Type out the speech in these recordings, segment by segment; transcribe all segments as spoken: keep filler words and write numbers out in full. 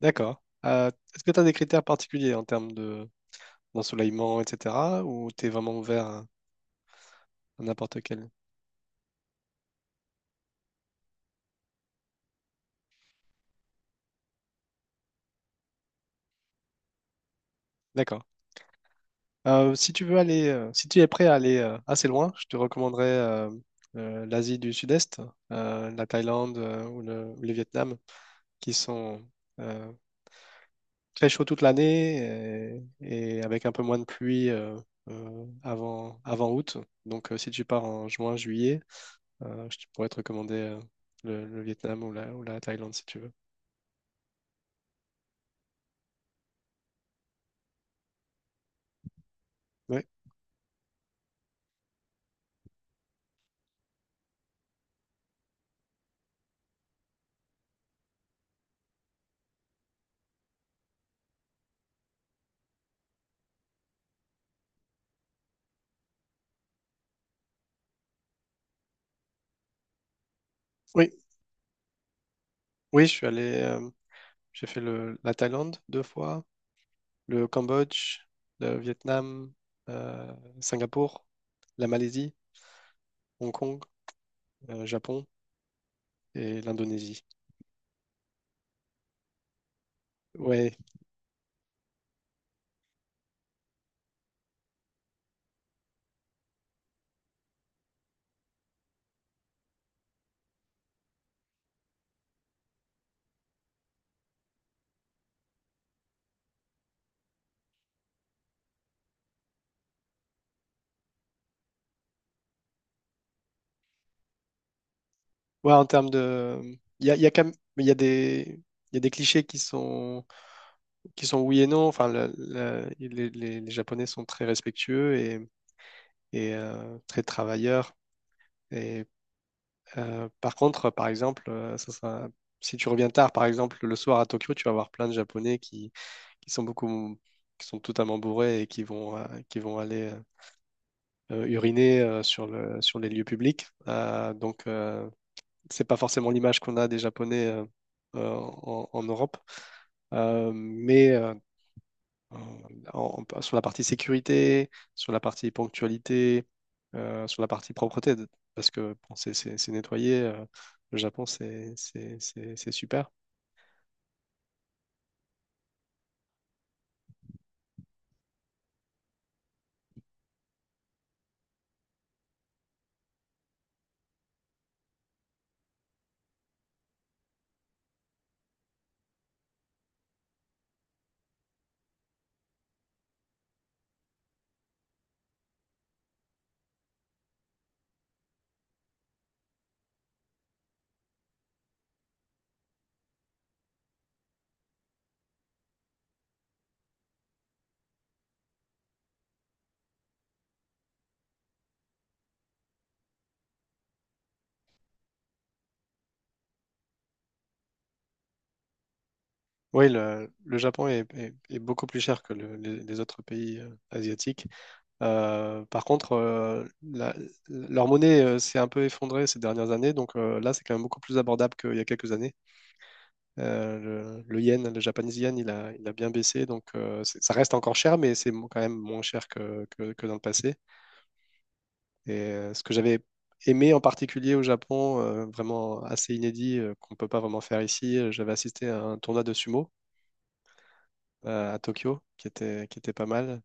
D'accord. Euh, est-ce que tu as des critères particuliers en termes de d'ensoleillement, et cetera, ou t'es vraiment ouvert à, à n'importe quel? D'accord. Euh, si tu veux aller, euh, si tu es prêt à aller euh, assez loin, je te recommanderais euh, euh, l'Asie du Sud-Est, euh, la Thaïlande euh, ou le, ou le Vietnam, qui sont euh, très chauds toute l'année et, et avec un peu moins de pluie euh, euh, avant, avant août. Donc, euh, si tu pars en juin, juillet, euh, je pourrais te recommander euh, le, le Vietnam ou la, ou la Thaïlande si tu veux. Oui, oui, oui, je suis allé, euh, j'ai fait le, la Thaïlande deux fois, le Cambodge, le Vietnam, euh, Singapour, la Malaisie, Hong Kong, euh, Japon et l'Indonésie. Ouais, ouais, en termes de, il y a, il y a quand même- mais il y a des, il y a des clichés qui sont, qui sont oui et non. Enfin, le- le- les, les- les Japonais sont très respectueux et, et, euh, très travailleurs. Et Euh, par contre, euh, par exemple, euh, ça sera- si tu reviens tard, par exemple, le soir à Tokyo, tu vas avoir plein de Japonais qui, qui sont beaucoup, qui sont totalement bourrés et qui vont, euh, qui vont aller euh, euh, uriner euh, sur le, sur les lieux publics. Euh, donc, euh, c'est pas forcément l'image qu'on a des Japonais euh, euh, en, en Europe. Euh, mais euh, euh, en- en- sur la partie sécurité, sur la partie ponctualité, euh, sur la partie propreté, de- parce que bon, c'est c'est- c'est nettoyé, euh, le Japon, c'est c'est- c'est- c'est super. Oui, le, le Japon est, est- est beaucoup plus cher que le- les, les autres pays euh, asiatiques. Euh, par contre, euh, la- leur monnaie euh, s'est un peu effondrée ces dernières années, donc euh, là, c'est quand même beaucoup plus abordable qu'il y a quelques années. Euh, le, le yen, le japonais yen, il a, il a bien baissé, donc euh, c'est- ça reste encore cher, mais c'est mo- quand même moins cher que, que, que dans le passé. Et euh, ce que j'avais aimé en particulier au Japon, euh, vraiment assez inédit, euh, qu'on ne peut pas vraiment faire ici, euh, j'avais assisté à un tournoi de sumo euh, à Tokyo, qui était, qui était pas mal,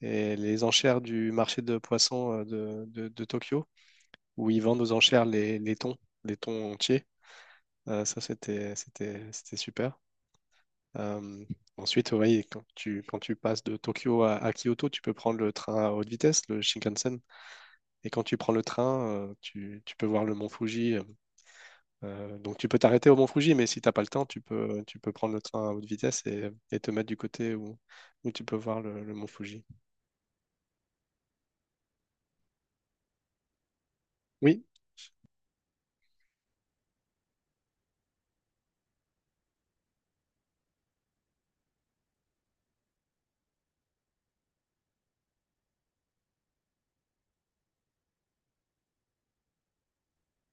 et les enchères du marché de poissons euh, de, de, de Tokyo, où ils vendent aux enchères les, les thons, les thons entiers. Euh, ça, c'était, c'était, c'était super. Euh, Ensuite, oui, quand tu, quand tu passes de Tokyo à, à Kyoto, tu peux prendre le train à haute vitesse, le Shinkansen. Et quand tu prends le train, euh, tu, tu peux voir le mont Fuji. Euh, donc tu peux t'arrêter au mont Fuji, mais si t'as pas le temps, tu peux, tu peux prendre le train à haute vitesse et, et te mettre du côté où, où tu peux voir le, le mont Fuji. Oui,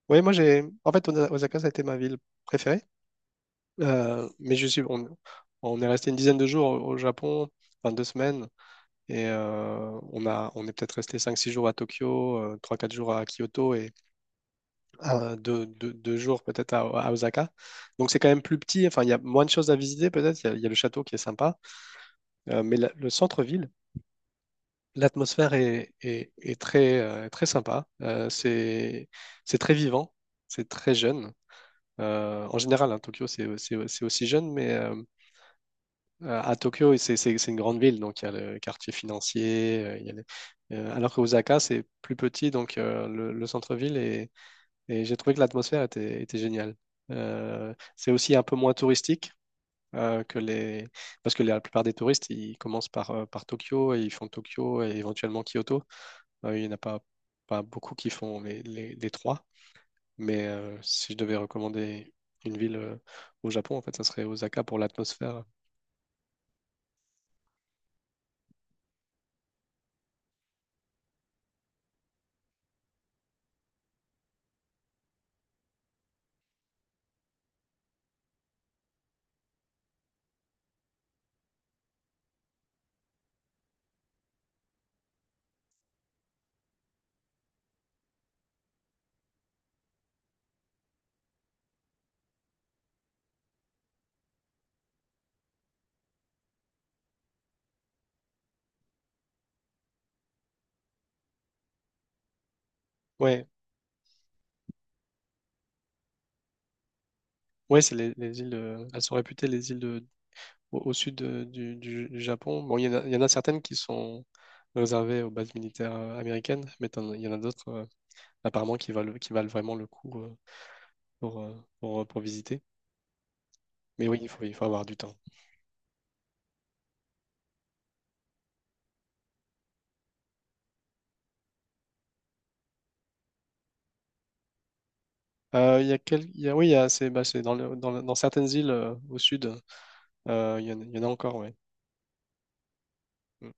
oui, moi j'ai. En fait, Osa- Osaka, ça a été ma ville préférée. Euh, mais je suis. On, on est resté une dizaine de jours au au Japon, enfin deux semaines. Et euh, on a, on est peut-être resté cinq six jours à Tokyo, euh, trois quatre jours à Kyoto et euh, deux 2, jours peut-être à, à Osaka. Donc c'est quand même plus petit, enfin il y a moins de choses à visiter peut-être, il y, a il y a le château qui est sympa. Euh, mais la- le centre-ville, l'atmosphère est, est- est très, euh, très sympa. Euh, c'est, c'est très vivant, c'est très jeune. Euh, en général, hein, Tokyo c'est, c'est- c'est aussi jeune, mais euh, Euh, à Tokyo, c'est c'est- c'est une grande ville, donc il y a le quartier financier. Euh, il y a les- euh, Alors que Osaka, c'est plus petit, donc euh, le, le centre-ville, est- et j'ai trouvé que l'atmosphère était, était géniale. Euh, c'est aussi un peu moins touristique euh, que les... parce que la plupart des touristes, ils commencent par, euh, par Tokyo et ils font Tokyo et éventuellement Kyoto. Euh, il n'y en a pas, pas beaucoup qui font les, les- les trois, mais euh, si je devais recommander une ville euh, au Japon, en fait, ça serait Osaka pour l'atmosphère. Ouais, oui, c'est les, les îles, euh, elles sont réputées les îles de- au, au sud de- du, du- du Japon. Bon, il y en a, il y en a certaines qui sont réservées aux bases militaires euh, américaines, mais t'en- il y en a d'autres euh, apparemment qui valent, qui valent vraiment le coup euh, pour, euh, pour, euh, pour visiter. Mais oui, il faut, il faut avoir du temps. Euh, il y a quel- il y a- oui, il y a- c'est bah, c'est dans, le- dans, le- dans certaines îles euh, au sud, euh, il y en, a il y en a encore, ouais. Mm.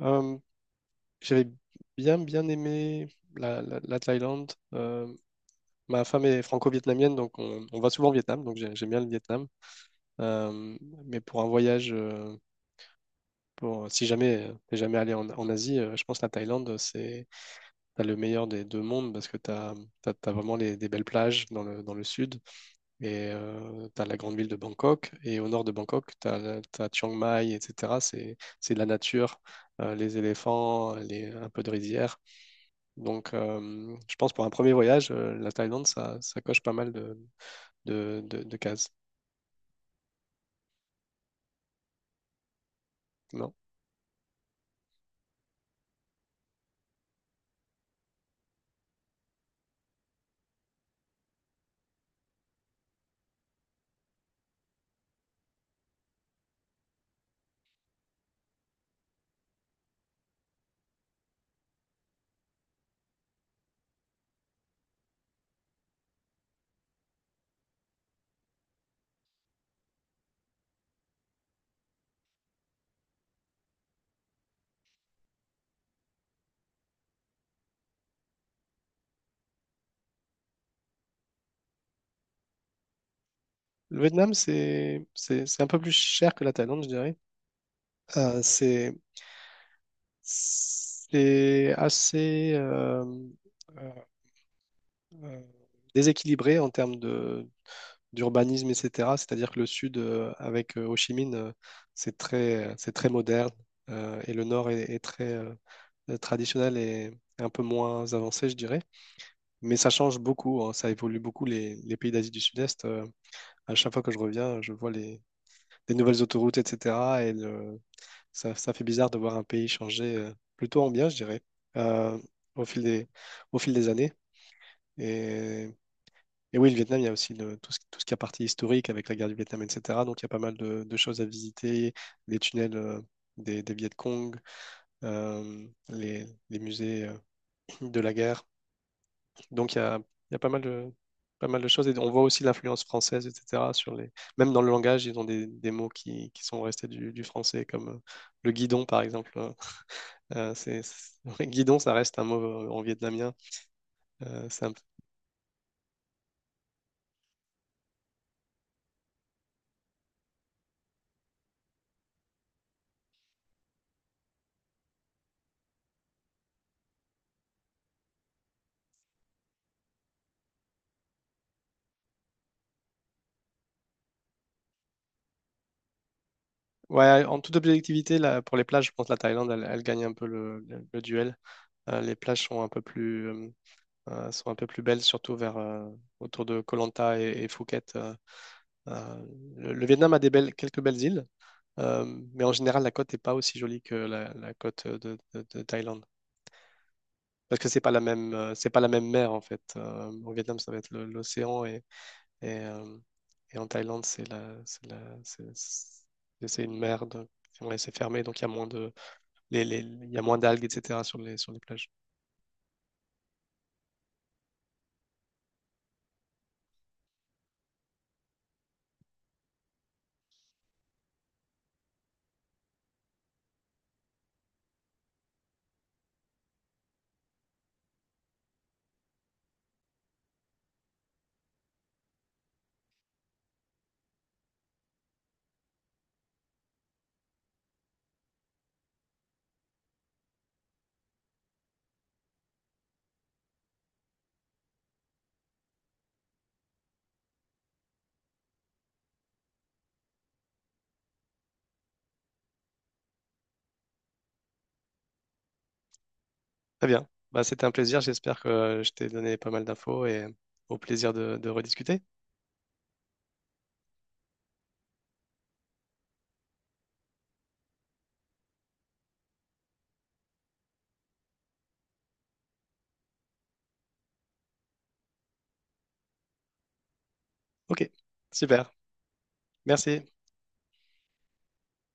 Euh, J'avais bien, bien aimé la, la- la Thaïlande. euh, Ma femme est franco-vietnamienne, donc on, on va souvent au Vietnam, donc j'ai- j'aime bien le Vietnam. Euh, mais pour un voyage, euh, pour, si jamais euh, t'es jamais allé en, en Asie, euh, je pense que la Thaïlande, c'est, t'as le meilleur des deux mondes parce que t'as, t'as, t'as vraiment les, des belles plages dans le, dans le sud et euh, t'as la grande ville de Bangkok et au nord de Bangkok, t'as, la- t'as Chiang Mai, et cetera. C'est, c'est de la nature, euh, les éléphants, les, un peu de rizière. Donc euh, je pense pour un premier voyage, euh, la Thaïlande, ça, ça coche pas mal de de, de, de cases. Non. Le Vietnam, c'est, c'est, c'est un peu plus cher que la Thaïlande, je dirais. Euh, c'est, c'est assez euh, euh, euh, déséquilibré en termes de, d'urbanisme, et cetera. C'est-à-dire que le sud, euh, avec euh, Ho Chi Minh, euh, c'est très, c'est très moderne euh, et le nord est, est très euh, euh, traditionnel et un peu moins avancé, je dirais. Mais ça change beaucoup, hein, ça évolue beaucoup les, les pays d'Asie du Sud-Est. Euh, à chaque fois que je reviens, je vois les, des nouvelles autoroutes, et cetera. Et le- ça, ça fait bizarre de voir un pays changer euh, plutôt en bien, je dirais, euh, au fil des, au fil des années. Et, et oui, le Vietnam, il y a aussi le- tout ce, tout ce qui est partie historique avec la guerre du Vietnam, et cetera. Donc il y a pas mal de, de choses à visiter, les tunnels euh, des, des Viet Cong, euh, les, les musées euh, de la guerre. Donc il y a, il y a pas mal de, pas mal de choses. Et on voit aussi l'influence française, et cetera. Sur les... Même dans le langage, ils ont des, des mots qui, qui sont restés du, du français, comme euh, le guidon, par exemple, hein. Euh, c'est, c'est- Guidon, ça reste un mot euh, en vietnamien. Euh, c'est un peu- Ouais, en toute objectivité, là, pour les plages, je pense que la Thaïlande, elle, elle, gagne un peu le, le- le duel. Euh, les plages sont un peu plus, euh, euh, sont un peu plus belles, surtout vers, euh, autour de Koh Lanta et, et Phuket. euh. Euh, le, le Vietnam a des belles, quelques belles îles. Euh, mais en général, la côte n'est pas aussi jolie que la, la côte de, de- de Thaïlande. Parce que c'est pas la même, euh, c'est pas la même mer en fait. Euh, au Vietnam, ça va être le- l'océan et, et, euh, et en Thaïlande, c'est la, c'est la, c'est c'est- c'est une mer de, ouais, c'est fermé, donc il y a moins de, les, les- il y a moins d'algues, et cetera sur les, sur les plages. Très bien. Bah, c'était un plaisir. J'espère que je t'ai donné pas mal d'infos et au plaisir de, de rediscuter. Ok, super. Merci.